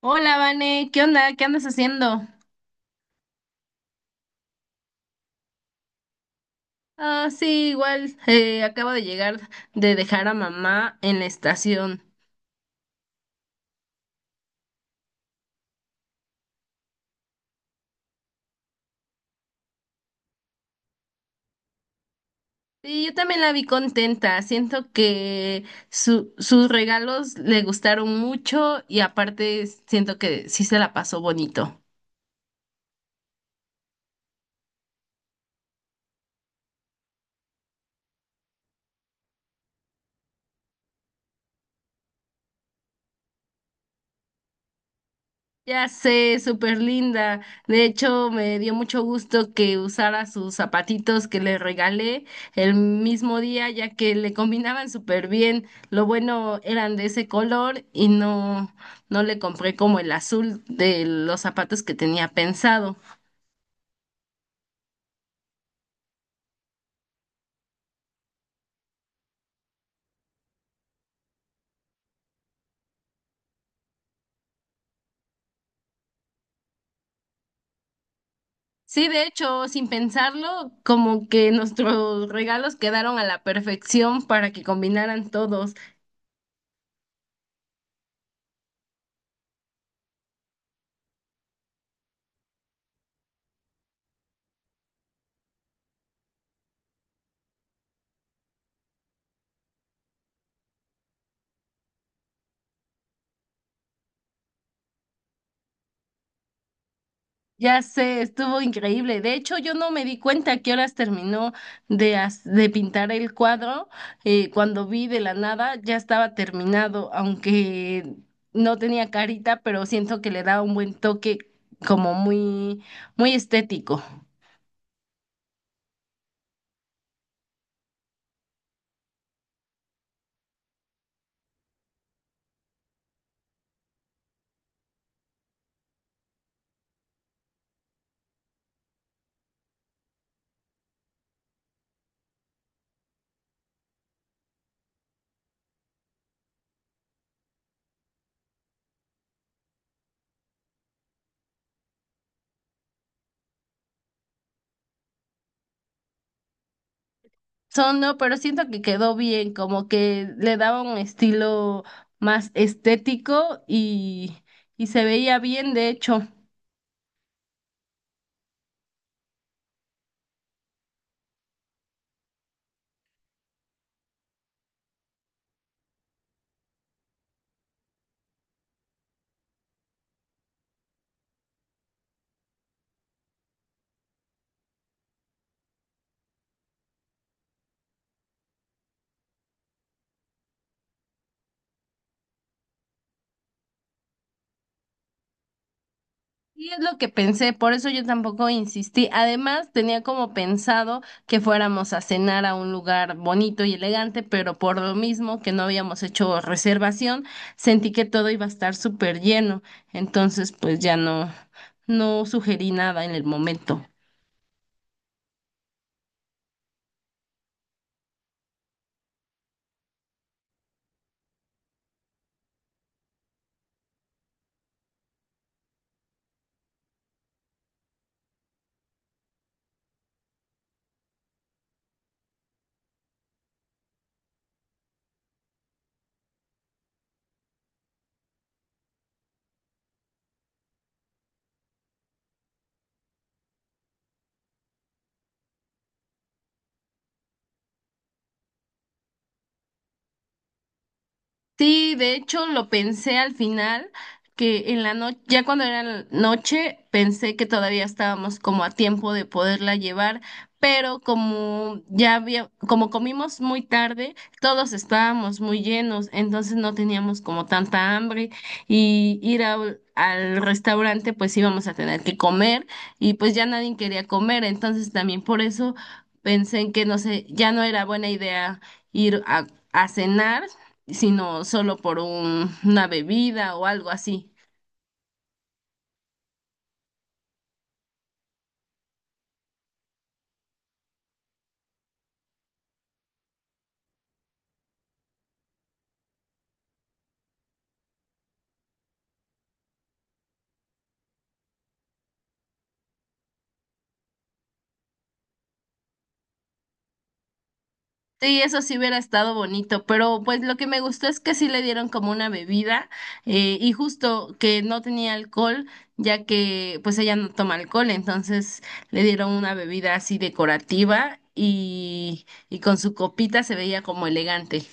Hola, Vane, ¿qué onda? ¿Qué andas haciendo? Ah, sí, igual, acabo de llegar de dejar a mamá en la estación. Sí, yo también la vi contenta. Siento que sus regalos le gustaron mucho y aparte siento que sí se la pasó bonito. Ya sé, súper linda. De hecho, me dio mucho gusto que usara sus zapatitos que le regalé el mismo día, ya que le combinaban súper bien. Lo bueno eran de ese color y no, no le compré como el azul de los zapatos que tenía pensado. Sí, de hecho, sin pensarlo, como que nuestros regalos quedaron a la perfección para que combinaran todos. Ya sé, estuvo increíble. De hecho, yo no me di cuenta a qué horas terminó de pintar el cuadro. Cuando vi de la nada, ya estaba terminado, aunque no tenía carita, pero siento que le da un buen toque como muy, muy estético. Son, no, pero siento que quedó bien, como que le daba un estilo más estético y se veía bien, de hecho. Sí, es lo que pensé, por eso yo tampoco insistí. Además, tenía como pensado que fuéramos a cenar a un lugar bonito y elegante, pero por lo mismo que no habíamos hecho reservación, sentí que todo iba a estar súper lleno. Entonces, pues ya no, no sugerí nada en el momento. Sí, de hecho lo pensé al final, que en la noche, ya cuando era la noche, pensé que todavía estábamos como a tiempo de poderla llevar, pero como ya había, como comimos muy tarde, todos estábamos muy llenos, entonces no teníamos como tanta hambre y al restaurante pues íbamos a tener que comer y pues ya nadie quería comer, entonces también por eso pensé en que no sé, ya no era buena idea ir a cenar sino solo por una bebida o algo así. Sí, eso sí hubiera estado bonito, pero pues lo que me gustó es que sí le dieron como una bebida y justo que no tenía alcohol, ya que pues ella no toma alcohol, entonces le dieron una bebida así decorativa y con su copita se veía como elegante.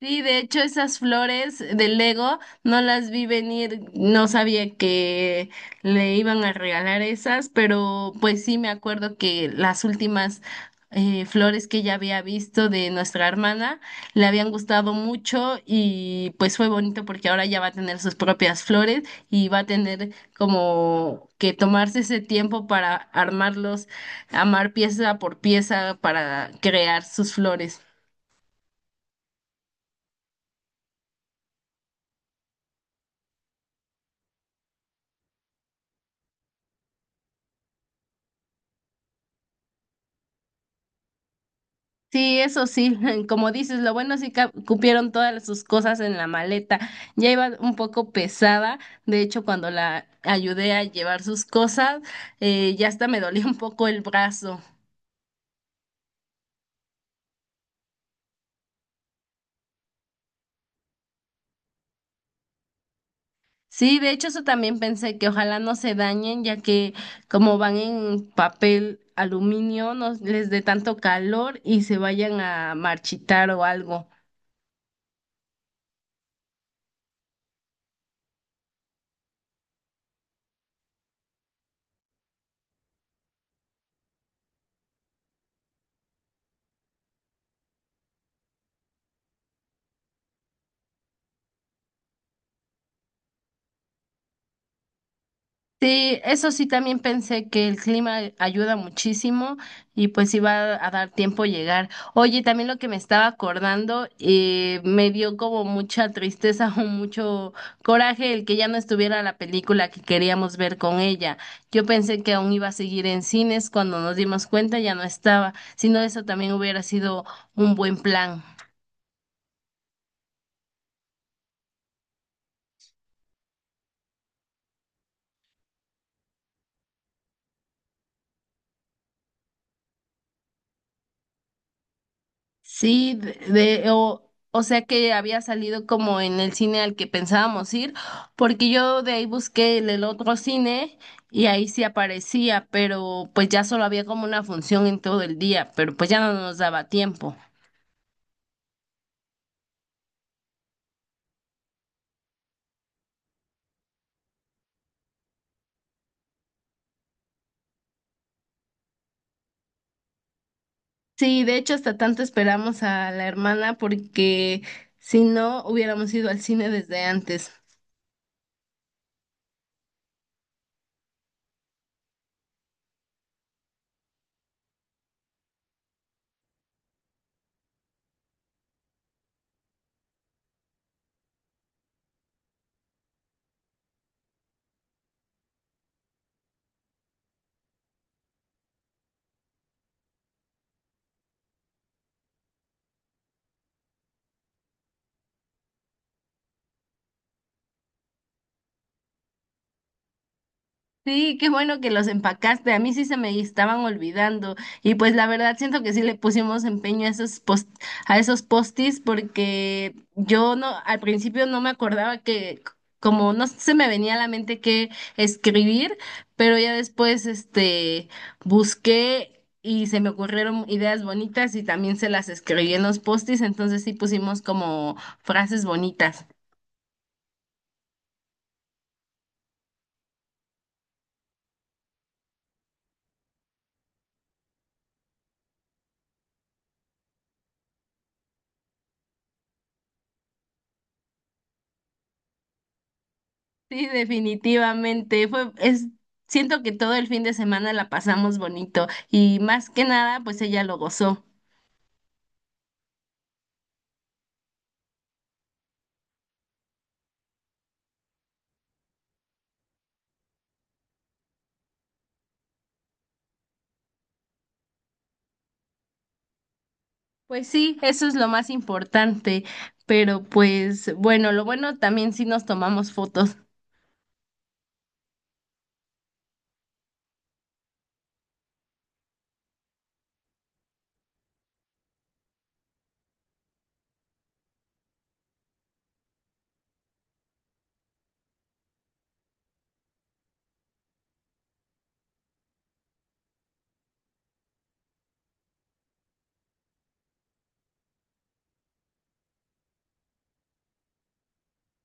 Sí, de hecho esas flores de Lego no las vi venir, no sabía que le iban a regalar esas, pero pues sí me acuerdo que las últimas flores que ya había visto de nuestra hermana le habían gustado mucho y pues fue bonito porque ahora ya va a tener sus propias flores y va a tener como que tomarse ese tiempo para armarlos, armar pieza por pieza para crear sus flores. Sí, eso sí, como dices, lo bueno sí que cupieron todas sus cosas en la maleta. Ya iba un poco pesada, de hecho cuando la ayudé a llevar sus cosas, ya hasta me dolía un poco el brazo. Sí, de hecho eso también pensé que ojalá no se dañen, ya que como van en papel aluminio, no les dé tanto calor y se vayan a marchitar o algo. Sí, eso sí también pensé que el clima ayuda muchísimo y pues iba a dar tiempo llegar. Oye, también lo que me estaba acordando, me dio como mucha tristeza o mucho coraje el que ya no estuviera la película que queríamos ver con ella. Yo pensé que aún iba a seguir en cines, cuando nos dimos cuenta ya no estaba, si no eso también hubiera sido un buen plan. Sí, o sea que había salido como en el cine al que pensábamos ir, porque yo de ahí busqué el otro cine y ahí sí aparecía, pero pues ya solo había como una función en todo el día, pero pues ya no nos daba tiempo. Sí, de hecho hasta tanto esperamos a la hermana porque si no hubiéramos ido al cine desde antes. Sí, qué bueno que los empacaste. A mí sí se me estaban olvidando. Y pues la verdad siento que sí le pusimos empeño a esos post a esos postis porque yo no al principio no me acordaba que como no se me venía a la mente qué escribir, pero ya después busqué y se me ocurrieron ideas bonitas y también se las escribí en los postis, entonces sí pusimos como frases bonitas. Sí, definitivamente. Fue, es, siento que todo el fin de semana la pasamos bonito y más que nada, pues ella lo gozó. Pues sí, eso es lo más importante. Pero pues bueno, lo bueno también sí nos tomamos fotos.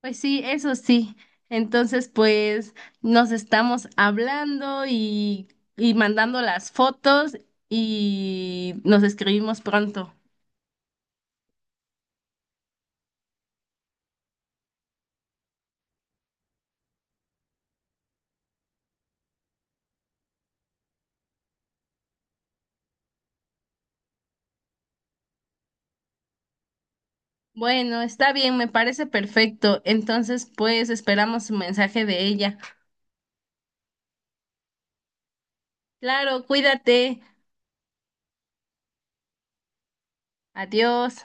Pues sí, eso sí. Entonces, pues nos estamos hablando y mandando las fotos y nos escribimos pronto. Bueno, está bien, me parece perfecto. Entonces, pues esperamos un mensaje de ella. Claro, cuídate. Adiós.